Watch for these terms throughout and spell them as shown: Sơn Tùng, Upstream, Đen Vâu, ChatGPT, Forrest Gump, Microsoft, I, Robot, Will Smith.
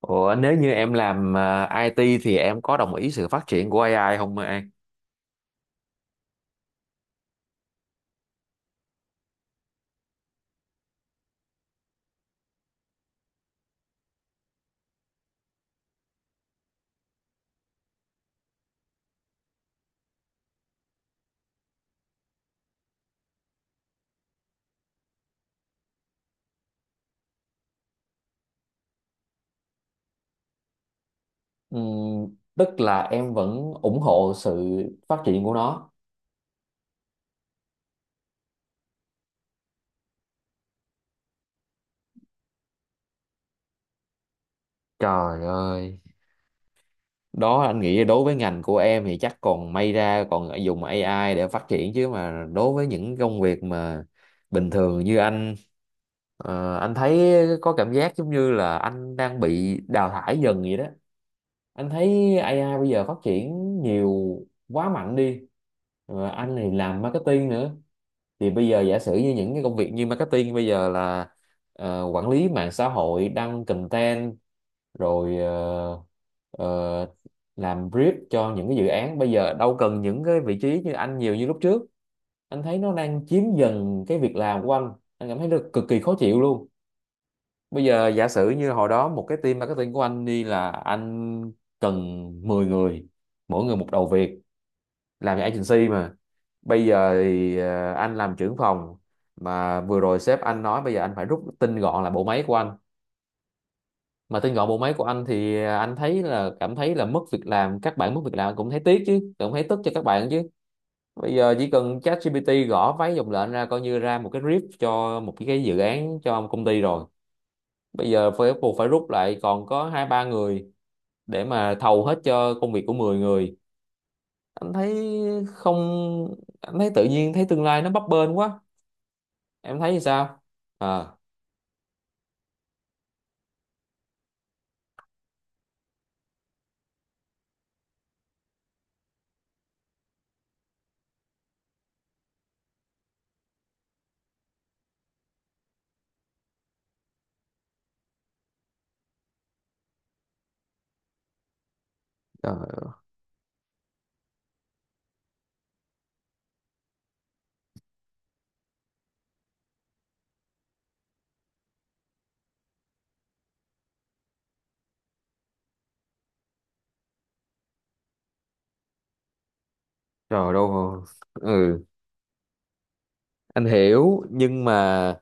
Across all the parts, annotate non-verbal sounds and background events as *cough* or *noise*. Ủa, nếu như em làm IT thì em có đồng ý sự phát triển của AI không, An? Tức là em vẫn ủng hộ sự phát triển của nó. Trời ơi, đó anh nghĩ đối với ngành của em thì chắc còn may ra còn dùng AI để phát triển, chứ mà đối với những công việc mà bình thường như anh, anh thấy có cảm giác giống như là anh đang bị đào thải dần vậy đó. Anh thấy AI bây giờ phát triển nhiều, quá mạnh đi. Anh thì làm marketing nữa, thì bây giờ giả sử như những cái công việc như marketing bây giờ là quản lý mạng xã hội, đăng content, rồi ờ, làm brief cho những cái dự án, bây giờ đâu cần những cái vị trí như anh nhiều như lúc trước. Anh thấy nó đang chiếm dần cái việc làm của anh cảm thấy nó cực kỳ khó chịu luôn. Bây giờ giả sử như hồi đó một cái team marketing của anh đi là anh cần 10 người, mỗi người một đầu việc, làm agency mà. Bây giờ thì anh làm trưởng phòng, mà vừa rồi sếp anh nói bây giờ anh phải rút tinh gọn lại bộ máy của anh. Mà tinh gọn bộ máy của anh thì anh thấy là, cảm thấy là mất việc làm, các bạn mất việc làm cũng thấy tiếc chứ, cũng thấy tức cho các bạn chứ. Bây giờ chỉ cần ChatGPT gõ mấy dòng lệnh ra coi như ra một cái brief cho một cái dự án cho công ty rồi. Bây giờ phải buộc phải rút lại còn có hai ba người để mà thầu hết cho công việc của 10 người. Anh thấy không, anh thấy tự nhiên thấy tương lai nó bấp bênh quá. Em thấy như sao? À, trời, trời đâu mà- ừ, anh hiểu, nhưng mà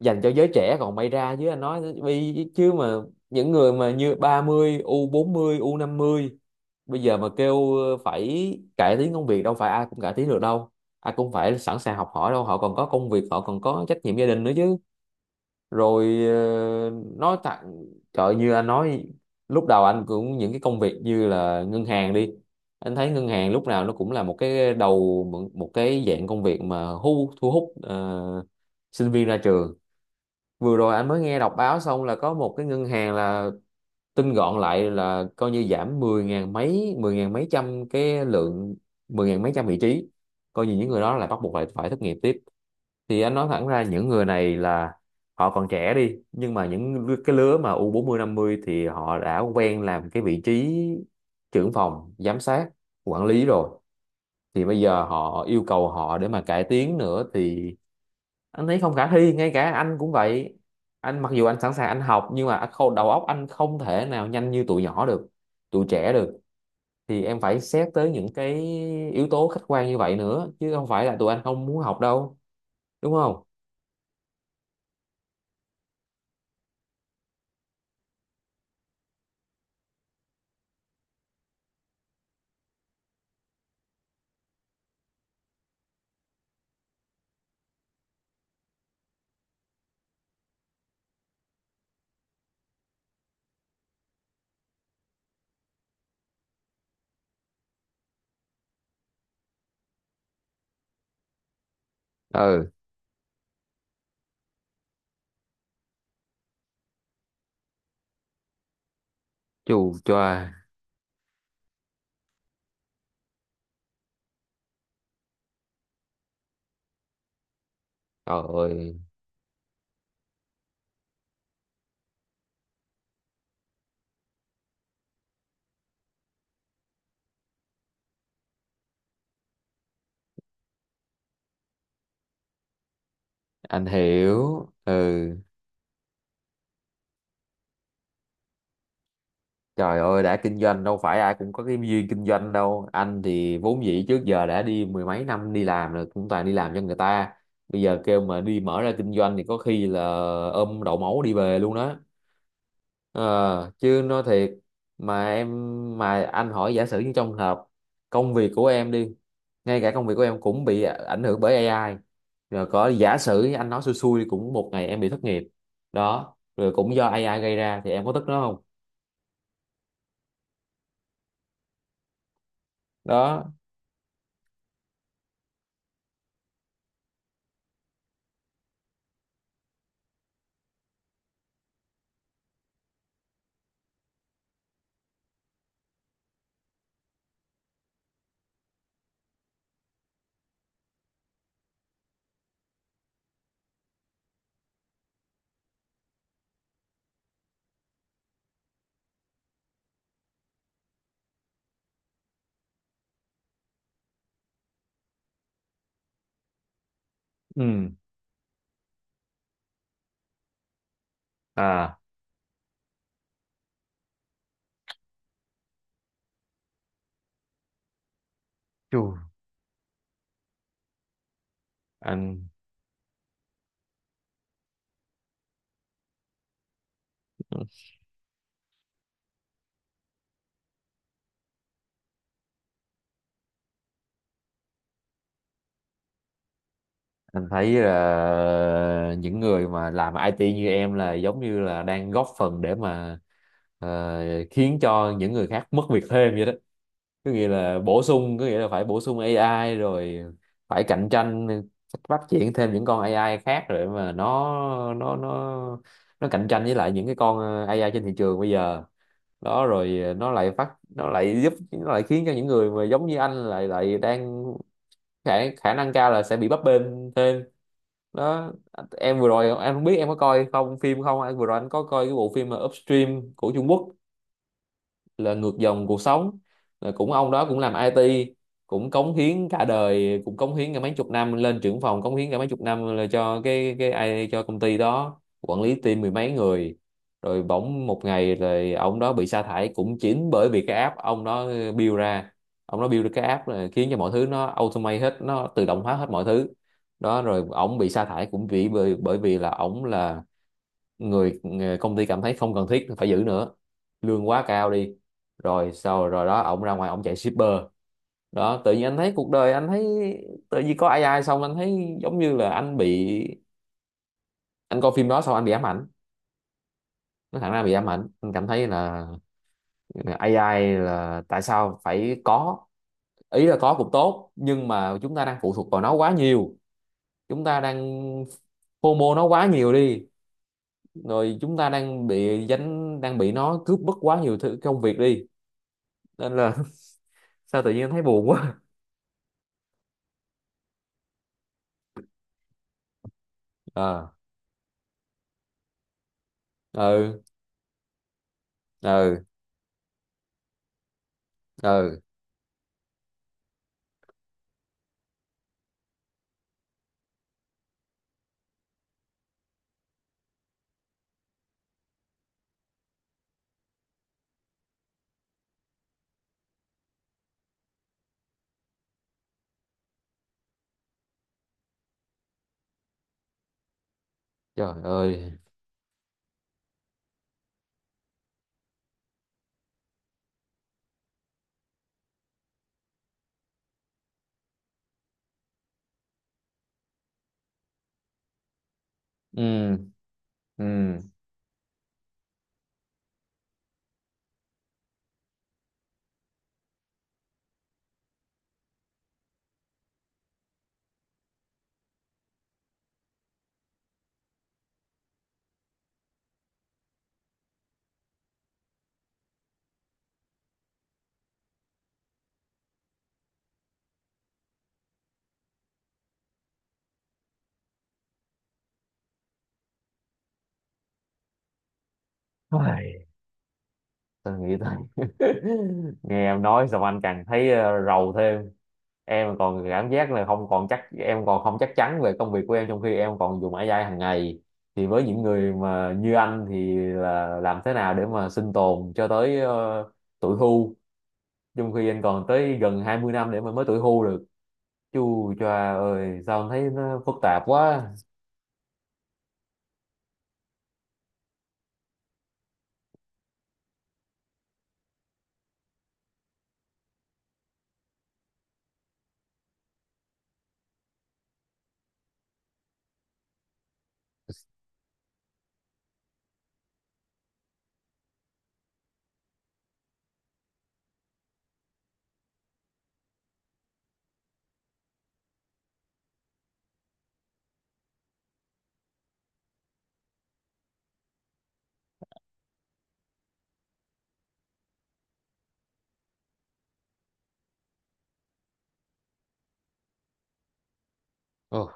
dành cho giới trẻ còn may ra, chứ anh nói vì chứ mà những người mà như 30, u bốn mươi, u năm mươi bây giờ mà kêu phải cải tiến công việc, đâu phải ai cũng cải tiến được đâu, ai cũng phải sẵn sàng học hỏi đâu, họ còn có công việc, họ còn có trách nhiệm gia đình nữa chứ. Rồi nói thẳng, trời như anh nói, lúc đầu anh cũng những cái công việc như là ngân hàng đi, anh thấy ngân hàng lúc nào nó cũng là một cái đầu, một một cái dạng công việc mà thu thu hút sinh viên ra trường. Vừa rồi anh mới nghe đọc báo xong là có một cái ngân hàng là tinh gọn lại, là coi như giảm 10 ngàn mấy, 10 ngàn mấy trăm cái lượng, 10 ngàn mấy trăm vị trí, coi như những người đó là bắt buộc phải phải thất nghiệp tiếp. Thì anh nói thẳng ra những người này là họ còn trẻ đi, nhưng mà cái lứa mà U40 50 thì họ đã quen làm cái vị trí trưởng phòng, giám sát, quản lý rồi, thì bây giờ họ yêu cầu họ để mà cải tiến nữa thì anh thấy không khả thi. Ngay cả anh cũng vậy, anh mặc dù anh sẵn sàng anh học, nhưng mà đầu óc anh không thể nào nhanh như tụi nhỏ được, tụi trẻ được. Thì em phải xét tới những cái yếu tố khách quan như vậy nữa, chứ không phải là tụi anh không muốn học đâu, đúng không? Chù choa. Trời ơi. Anh hiểu. Ừ. Trời ơi, đã kinh doanh đâu phải ai cũng có cái duyên kinh doanh đâu. Anh thì vốn dĩ trước giờ đã đi mười mấy năm đi làm rồi, cũng toàn đi làm cho người ta. Bây giờ kêu mà đi mở ra kinh doanh thì có khi là ôm đậu máu đi về luôn đó. Ờ, chứ nói thiệt, mà em, mà anh hỏi giả sử như trong hợp công việc của em đi, ngay cả công việc của em cũng bị ảnh hưởng bởi AI, rồi có giả sử anh nói xui xui cũng một ngày em bị thất nghiệp đó, rồi cũng do AI gây ra, thì em có tức nó không? Đó. Ừ. À. Chù. Anh anh thấy là những người mà làm IT như em là giống như là đang góp phần để mà ờ, khiến cho những người khác mất việc thêm vậy đó. Có nghĩa là bổ sung, có nghĩa là phải bổ sung AI rồi, phải cạnh tranh, phát triển thêm những con AI khác, rồi mà nó nó nó cạnh tranh với lại những cái con AI trên thị trường bây giờ. Đó, rồi nó lại giúp, nó lại khiến cho những người mà giống như anh lại lại đang, khả, khả năng cao là sẽ bị bấp bênh thêm đó. Em vừa rồi em không biết em có coi không, phim không anh, vừa rồi anh có coi cái bộ phim mà Upstream của Trung Quốc, là ngược dòng cuộc sống, là cũng ông đó cũng làm IT, cũng cống hiến cả đời, cũng cống hiến cả mấy chục năm lên trưởng phòng, cống hiến cả mấy chục năm là cho cái ai, cho công ty đó quản lý team mười mấy người. Rồi bỗng một ngày rồi ông đó bị sa thải cũng chính bởi vì cái app ông đó build ra, ông đó build ra cái app là khiến cho mọi thứ nó automate hết, nó tự động hóa hết mọi thứ. Đó rồi ổng bị sa thải cũng vì bởi bởi vì là ổng là người công ty cảm thấy không cần thiết phải giữ nữa, lương quá cao đi. Rồi sau rồi đó ổng ra ngoài ổng chạy shipper. Đó tự nhiên anh thấy cuộc đời, anh thấy tự nhiên có AI xong anh thấy giống như là anh bị, anh coi phim đó xong anh bị ám ảnh, nó thẳng ra bị ám ảnh. Anh cảm thấy là AI là tại sao phải có, ý là có cũng tốt nhưng mà chúng ta đang phụ thuộc vào nó quá nhiều, chúng ta đang FOMO nó quá nhiều đi, rồi chúng ta đang bị dính, đang bị nó cướp mất quá nhiều thứ công việc đi, nên là *laughs* sao tự nhiên thấy buồn quá. *laughs* ờ ừ, ừ, ừ, trời ơi, ừ, ừ. Ai, tao nghĩ tới *laughs* nghe em nói xong anh càng thấy rầu thêm. Em còn cảm giác là không còn chắc, em còn không chắc chắn về công việc của em, trong khi em còn dùng AI hàng ngày, thì với những người mà như anh thì là làm thế nào để mà sinh tồn cho tới tuổi hưu, trong khi anh còn tới gần 20 năm để mà mới tuổi hưu được. Chù choà ơi sao em thấy nó phức tạp quá. Ồ.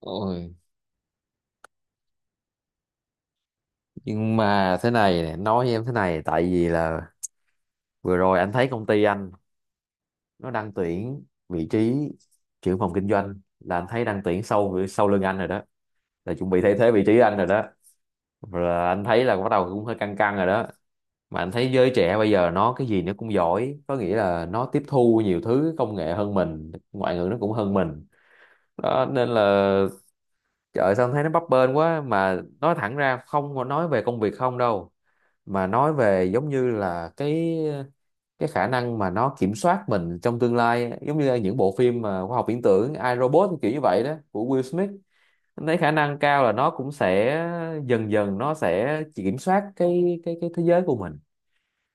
Ôi, nhưng mà thế này nè, nói với em thế này, tại vì là vừa rồi anh thấy công ty anh, nó đang tuyển vị trí trưởng phòng kinh doanh, là anh thấy đang tuyển sau sau lưng anh rồi đó, là chuẩn bị thay thế vị trí anh rồi đó. Rồi là anh thấy là bắt đầu cũng hơi căng căng rồi đó. Mà anh thấy giới trẻ bây giờ nó cái gì nó cũng giỏi, có nghĩa là nó tiếp thu nhiều thứ công nghệ hơn mình, ngoại ngữ nó cũng hơn mình đó, nên là trời ơi, sao em thấy nó bấp bênh quá. Mà nói thẳng ra không có nói về công việc không đâu, mà nói về giống như là cái khả năng mà nó kiểm soát mình trong tương lai, giống như những bộ phim mà khoa học viễn tưởng I, Robot kiểu như vậy đó của Will Smith. Em thấy khả năng cao là nó cũng sẽ dần dần nó sẽ kiểm soát cái thế giới của mình.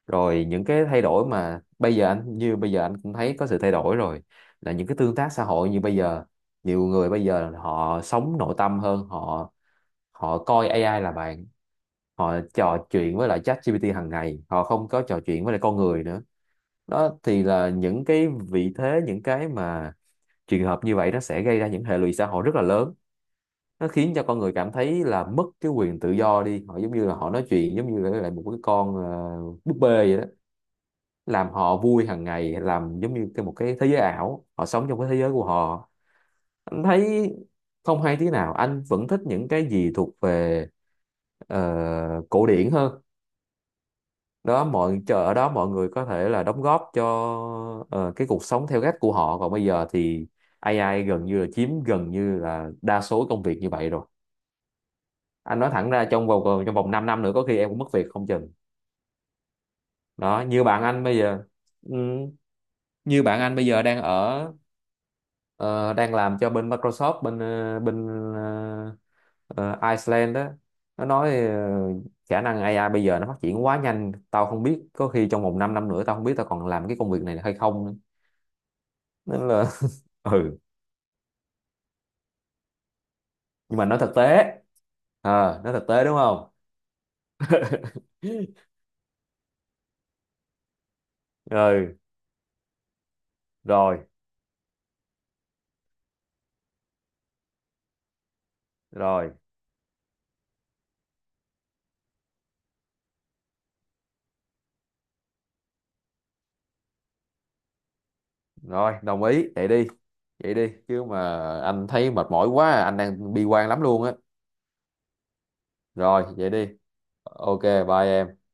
Rồi những cái thay đổi mà bây giờ anh, như bây giờ anh cũng thấy có sự thay đổi rồi, là những cái tương tác xã hội như bây giờ, nhiều người bây giờ họ sống nội tâm hơn, họ họ coi AI là bạn, họ trò chuyện với lại ChatGPT hàng ngày, họ không có trò chuyện với lại con người nữa. Đó thì là những cái vị thế, những cái mà trường hợp như vậy nó sẽ gây ra những hệ lụy xã hội rất là lớn, nó khiến cho con người cảm thấy là mất cái quyền tự do đi, họ giống như là họ nói chuyện giống như là lại một cái con búp bê vậy đó, làm họ vui hàng ngày, làm giống như cái một cái thế giới ảo, họ sống trong cái thế giới của họ. Anh thấy không hay tí nào, anh vẫn thích những cái gì thuộc về ờ, cổ điển hơn đó. Mọi chờ ở đó mọi người có thể là đóng góp cho cái cuộc sống theo cách của họ, còn bây giờ thì AI gần như là chiếm, gần như là đa số công việc như vậy rồi. Anh nói thẳng ra trong vòng, còn trong vòng 5 năm nữa có khi em cũng mất việc không chừng đó. Như bạn anh bây giờ, ừ, như bạn anh bây giờ đang ở ờ, đang làm cho bên Microsoft, bên ờ, Iceland đó. Nó nói khả năng AI bây giờ nó phát triển quá nhanh, tao không biết có khi trong vòng 5 năm nữa tao không biết tao còn làm cái công việc này hay không nữa. Nên là *laughs* ừ, nhưng mà nói thực tế, nói thực tế, đúng không? *laughs* Ừ. Rồi. Rồi. Rồi, đồng ý vậy đi. Vậy đi chứ mà anh thấy mệt mỏi quá. Anh đang bi quan lắm luôn á. Rồi vậy đi. OK. Bye em.